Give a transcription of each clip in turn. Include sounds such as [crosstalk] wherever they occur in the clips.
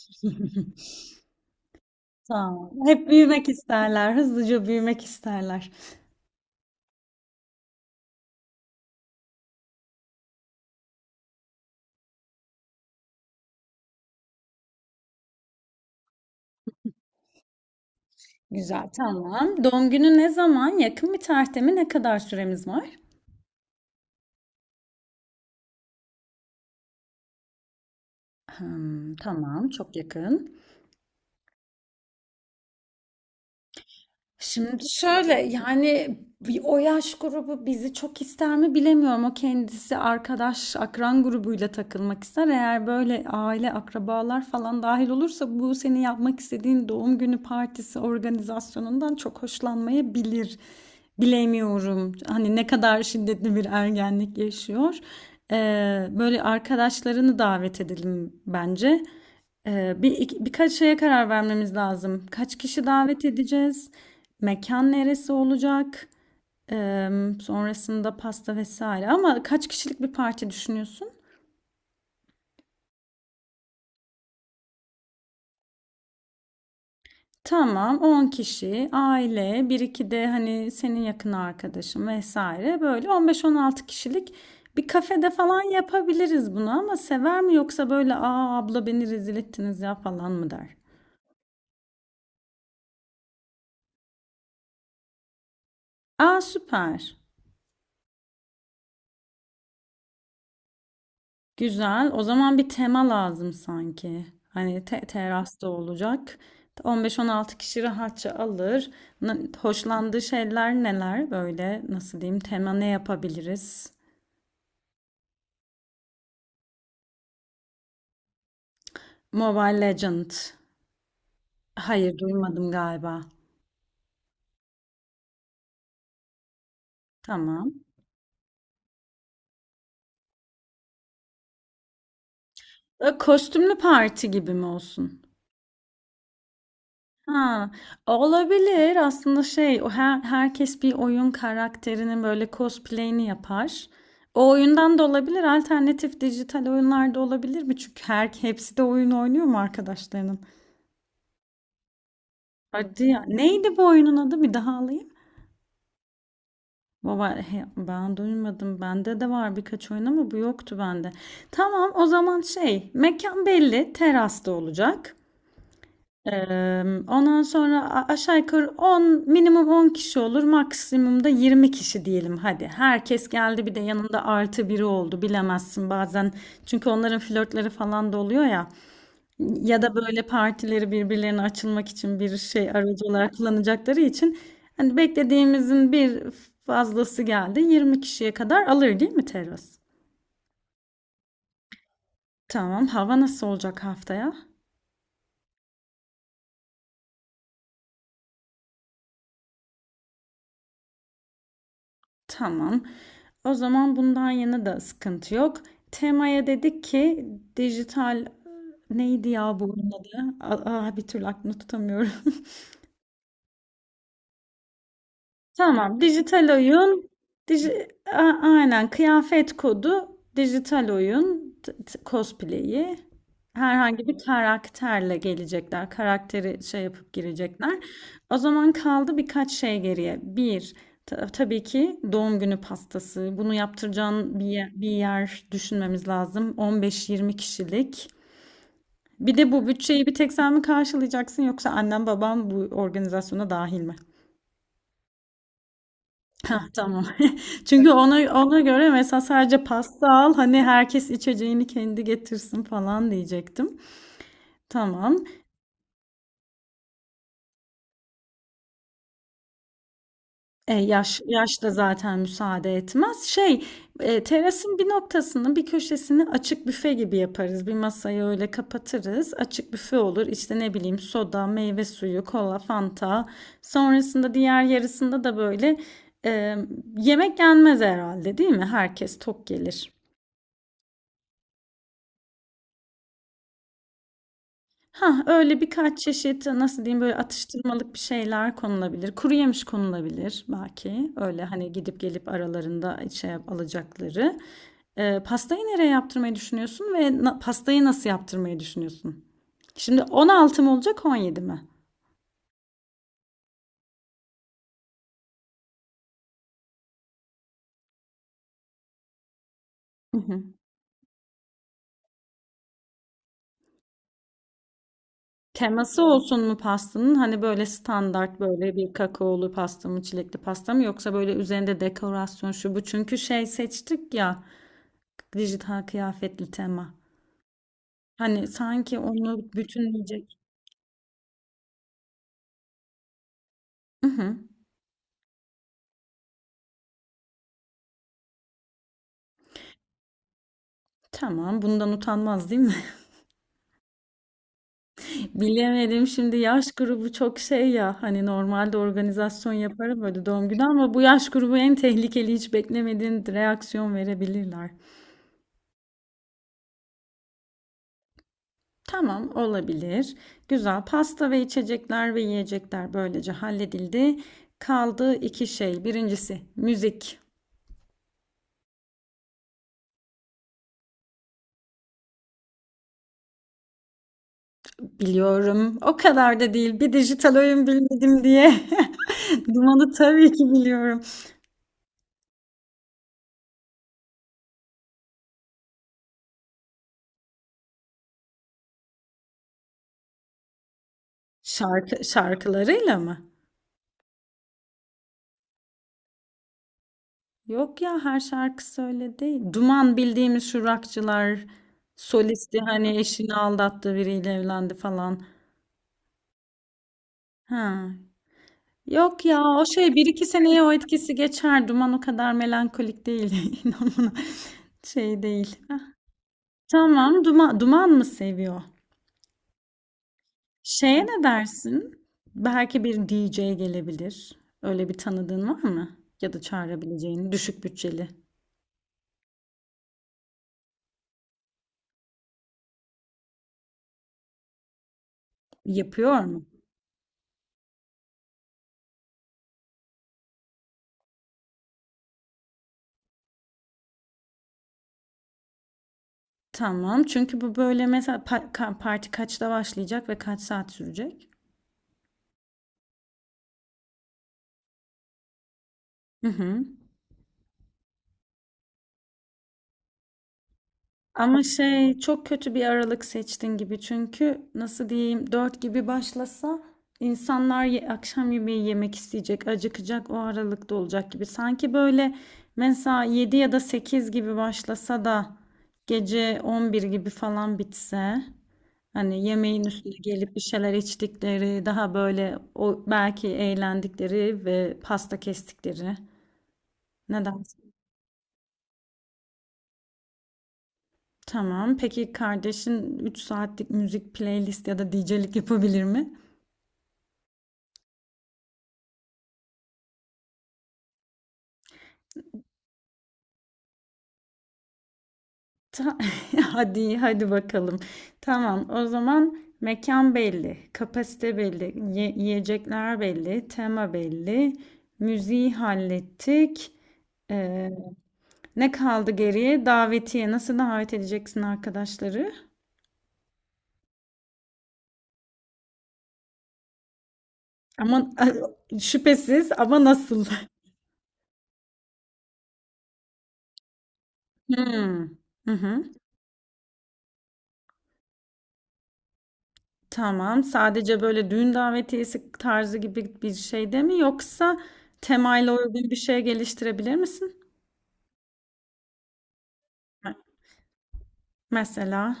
[laughs] Tamam. Hep büyümek isterler. Hızlıca büyümek isterler. Güzel, tamam. Doğum günü ne zaman? Yakın bir tarihte mi? Ne kadar süremiz var? Hmm, tamam, çok yakın. Şimdi şöyle yani o yaş grubu bizi çok ister mi bilemiyorum. O kendisi arkadaş, akran grubuyla takılmak ister. Eğer böyle aile, akrabalar falan dahil olursa bu senin yapmak istediğin doğum günü partisi organizasyonundan çok hoşlanmayabilir. Bilemiyorum. Hani ne kadar şiddetli bir ergenlik yaşıyor. Böyle arkadaşlarını davet edelim bence. Birkaç şeye karar vermemiz lazım. Kaç kişi davet edeceğiz? Mekan neresi olacak? Sonrasında pasta vesaire. Ama kaç kişilik bir parti düşünüyorsun? Tamam, 10 kişi, aile, bir iki de hani senin yakın arkadaşın vesaire. Böyle 15-16 kişilik bir kafede falan yapabiliriz bunu ama sever mi yoksa böyle aa abla beni rezil ettiniz ya falan mı der? Aa süper. Güzel. O zaman bir tema lazım sanki. Hani terasta olacak. 15-16 kişi rahatça alır. Hoşlandığı şeyler neler? Böyle nasıl diyeyim? Tema ne yapabiliriz? Mobile Legend. Hayır, duymadım galiba. Tamam. Kostümlü parti gibi mi olsun? Ha, olabilir aslında şey o herkes bir oyun karakterinin böyle cosplay'ini yapar. O oyundan da olabilir alternatif dijital oyunlar da olabilir mi? Çünkü hepsi de oyun oynuyor mu arkadaşlarının? Hadi ya. Neydi bu oyunun adı? Bir daha alayım. Baba he, ben duymadım. Bende de var birkaç oyun ama bu yoktu bende. Tamam o zaman şey mekan belli terasta olacak. Ondan sonra aşağı yukarı 10 minimum 10 kişi olur, maksimum da 20 kişi diyelim hadi. Herkes geldi bir de yanında artı biri oldu bilemezsin bazen çünkü onların flörtleri falan da oluyor ya ya da böyle partileri birbirlerine açılmak için bir şey aracı olarak kullanacakları için hani beklediğimizin bir fazlası geldi 20 kişiye kadar alır değil mi terası? Tamam hava nasıl olacak haftaya? Tamam. O zaman bundan yana da sıkıntı yok. Temaya dedik ki dijital neydi ya bu oyunun adı? Aa, bir türlü aklımda tutamıyorum. Tamam. Dijital oyun. Aynen kıyafet kodu. Dijital oyun. Cosplay'i. Herhangi bir karakterle gelecekler. Karakteri şey yapıp girecekler. O zaman kaldı birkaç şey geriye. Bir, tabii ki doğum günü pastası. Bunu yaptıracağın bir yer düşünmemiz lazım. 15-20 kişilik. Bir de bu bütçeyi bir tek sen mi karşılayacaksın yoksa annem babam bu organizasyona dahil mi? Hah, tamam. [laughs] Çünkü ona göre mesela sadece pasta al, hani herkes içeceğini kendi getirsin falan diyecektim. Tamam. E, yaş da zaten müsaade etmez. Şey, terasın bir noktasını, bir köşesini açık büfe gibi yaparız. Bir masayı öyle kapatırız. Açık büfe olur. İşte ne bileyim soda, meyve suyu, kola, fanta. Sonrasında diğer yarısında da böyle e, yemek yenmez herhalde, değil mi? Herkes tok gelir. Ha öyle birkaç çeşit, nasıl diyeyim, böyle atıştırmalık bir şeyler konulabilir. Kuru yemiş konulabilir belki. Öyle hani gidip gelip aralarında şey alacakları. Pastayı nereye yaptırmayı düşünüyorsun ve pastayı nasıl yaptırmayı düşünüyorsun? Şimdi 16 mı olacak 17 mi? Hı hı. Teması olsun mu pastanın? Hani böyle standart böyle bir kakaolu pasta mı, çilekli pasta mı yoksa böyle üzerinde dekorasyon şu bu. Çünkü şey seçtik ya dijital kıyafetli tema. Hani sanki onu bütünleyecek. Hı hı. Tamam, bundan utanmaz değil mi? [laughs] Bilemedim şimdi yaş grubu çok şey ya hani normalde organizasyon yaparım böyle doğum günü ama bu yaş grubu en tehlikeli hiç beklemediğin reaksiyon verebilirler. Tamam olabilir. Güzel pasta ve içecekler ve yiyecekler böylece halledildi. Kaldı iki şey. Birincisi müzik. Biliyorum o kadar da değil bir dijital oyun bilmedim diye. [laughs] Dumanı tabii ki biliyorum. Şarkılarıyla mı? Yok ya her şarkısı öyle değil. Duman bildiğimiz şu rockçılar solisti hani eşini aldattı biriyle evlendi falan. Ha. Yok ya o şey bir iki seneye o etkisi geçer. Duman o kadar melankolik değil. [laughs] İnan bana. Şey değil. Hah. Tamam duman mı seviyor? Şeye ne dersin? Belki bir DJ gelebilir. Öyle bir tanıdığın var mı? Ya da çağırabileceğin düşük bütçeli. Yapıyor mu? Tamam. Çünkü bu böyle mesela parti kaçta başlayacak ve kaç saat sürecek? Hı hı. Ama şey çok kötü bir aralık seçtin gibi çünkü nasıl diyeyim 4 gibi başlasa insanlar akşam yemeği yemek isteyecek, acıkacak o aralıkta olacak gibi. Sanki böyle mesela 7 ya da 8 gibi başlasa da gece 11 gibi falan bitse hani yemeğin üstüne gelip bir şeyler içtikleri daha böyle o belki eğlendikleri ve pasta kestikleri. Neden? Tamam. Peki kardeşin 3 saatlik müzik playlist ya da DJ'lik yapabilir mi? Ta- [laughs] hadi hadi bakalım. Tamam. O zaman mekan belli, kapasite belli, yiyecekler belli, tema belli, müziği hallettik. Ee, Ne kaldı geriye? Davetiye. Nasıl davet edeceksin arkadaşları? Ama [laughs] şüphesiz ama nasıl? [laughs] Hmm. Hı hı. Tamam. Sadece böyle düğün davetiyesi tarzı gibi bir şey de mi yoksa temayla uygun bir şey geliştirebilir misin? Me- Mesela.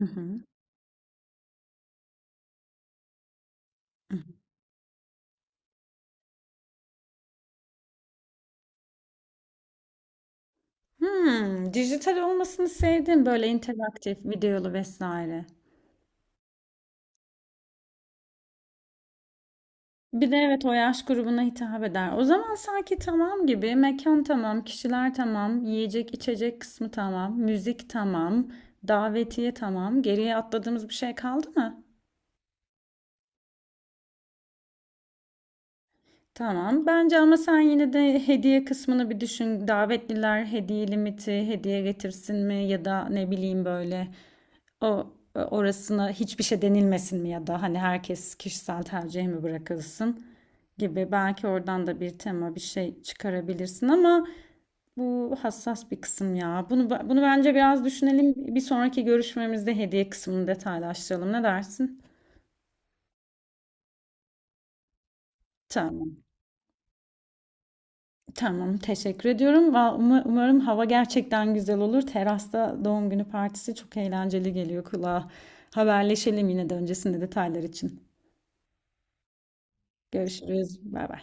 Hı hı. Hmm, dijital olmasını sevdim böyle interaktif, videolu vesaire. Bir de evet o yaş grubuna hitap eder. O zaman sanki tamam gibi mekan tamam, kişiler tamam, yiyecek içecek kısmı tamam, müzik tamam, davetiye tamam. Geriye atladığımız bir şey kaldı mı? Tamam. Bence ama sen yine de hediye kısmını bir düşün. Davetliler hediye limiti, hediye getirsin mi ya da ne bileyim böyle o orasına hiçbir şey denilmesin mi ya da hani herkes kişisel tercih mi bırakılsın gibi. Belki oradan da bir tema bir şey çıkarabilirsin ama bu hassas bir kısım ya. Bunu bence biraz düşünelim. Bir sonraki görüşmemizde hediye kısmını detaylaştıralım. Ne dersin? Tamam. Tamam, teşekkür ediyorum. Umarım hava gerçekten güzel olur. Terasta doğum günü partisi çok eğlenceli geliyor kulağa. Haberleşelim yine de öncesinde detaylar için. Görüşürüz. Bay bay.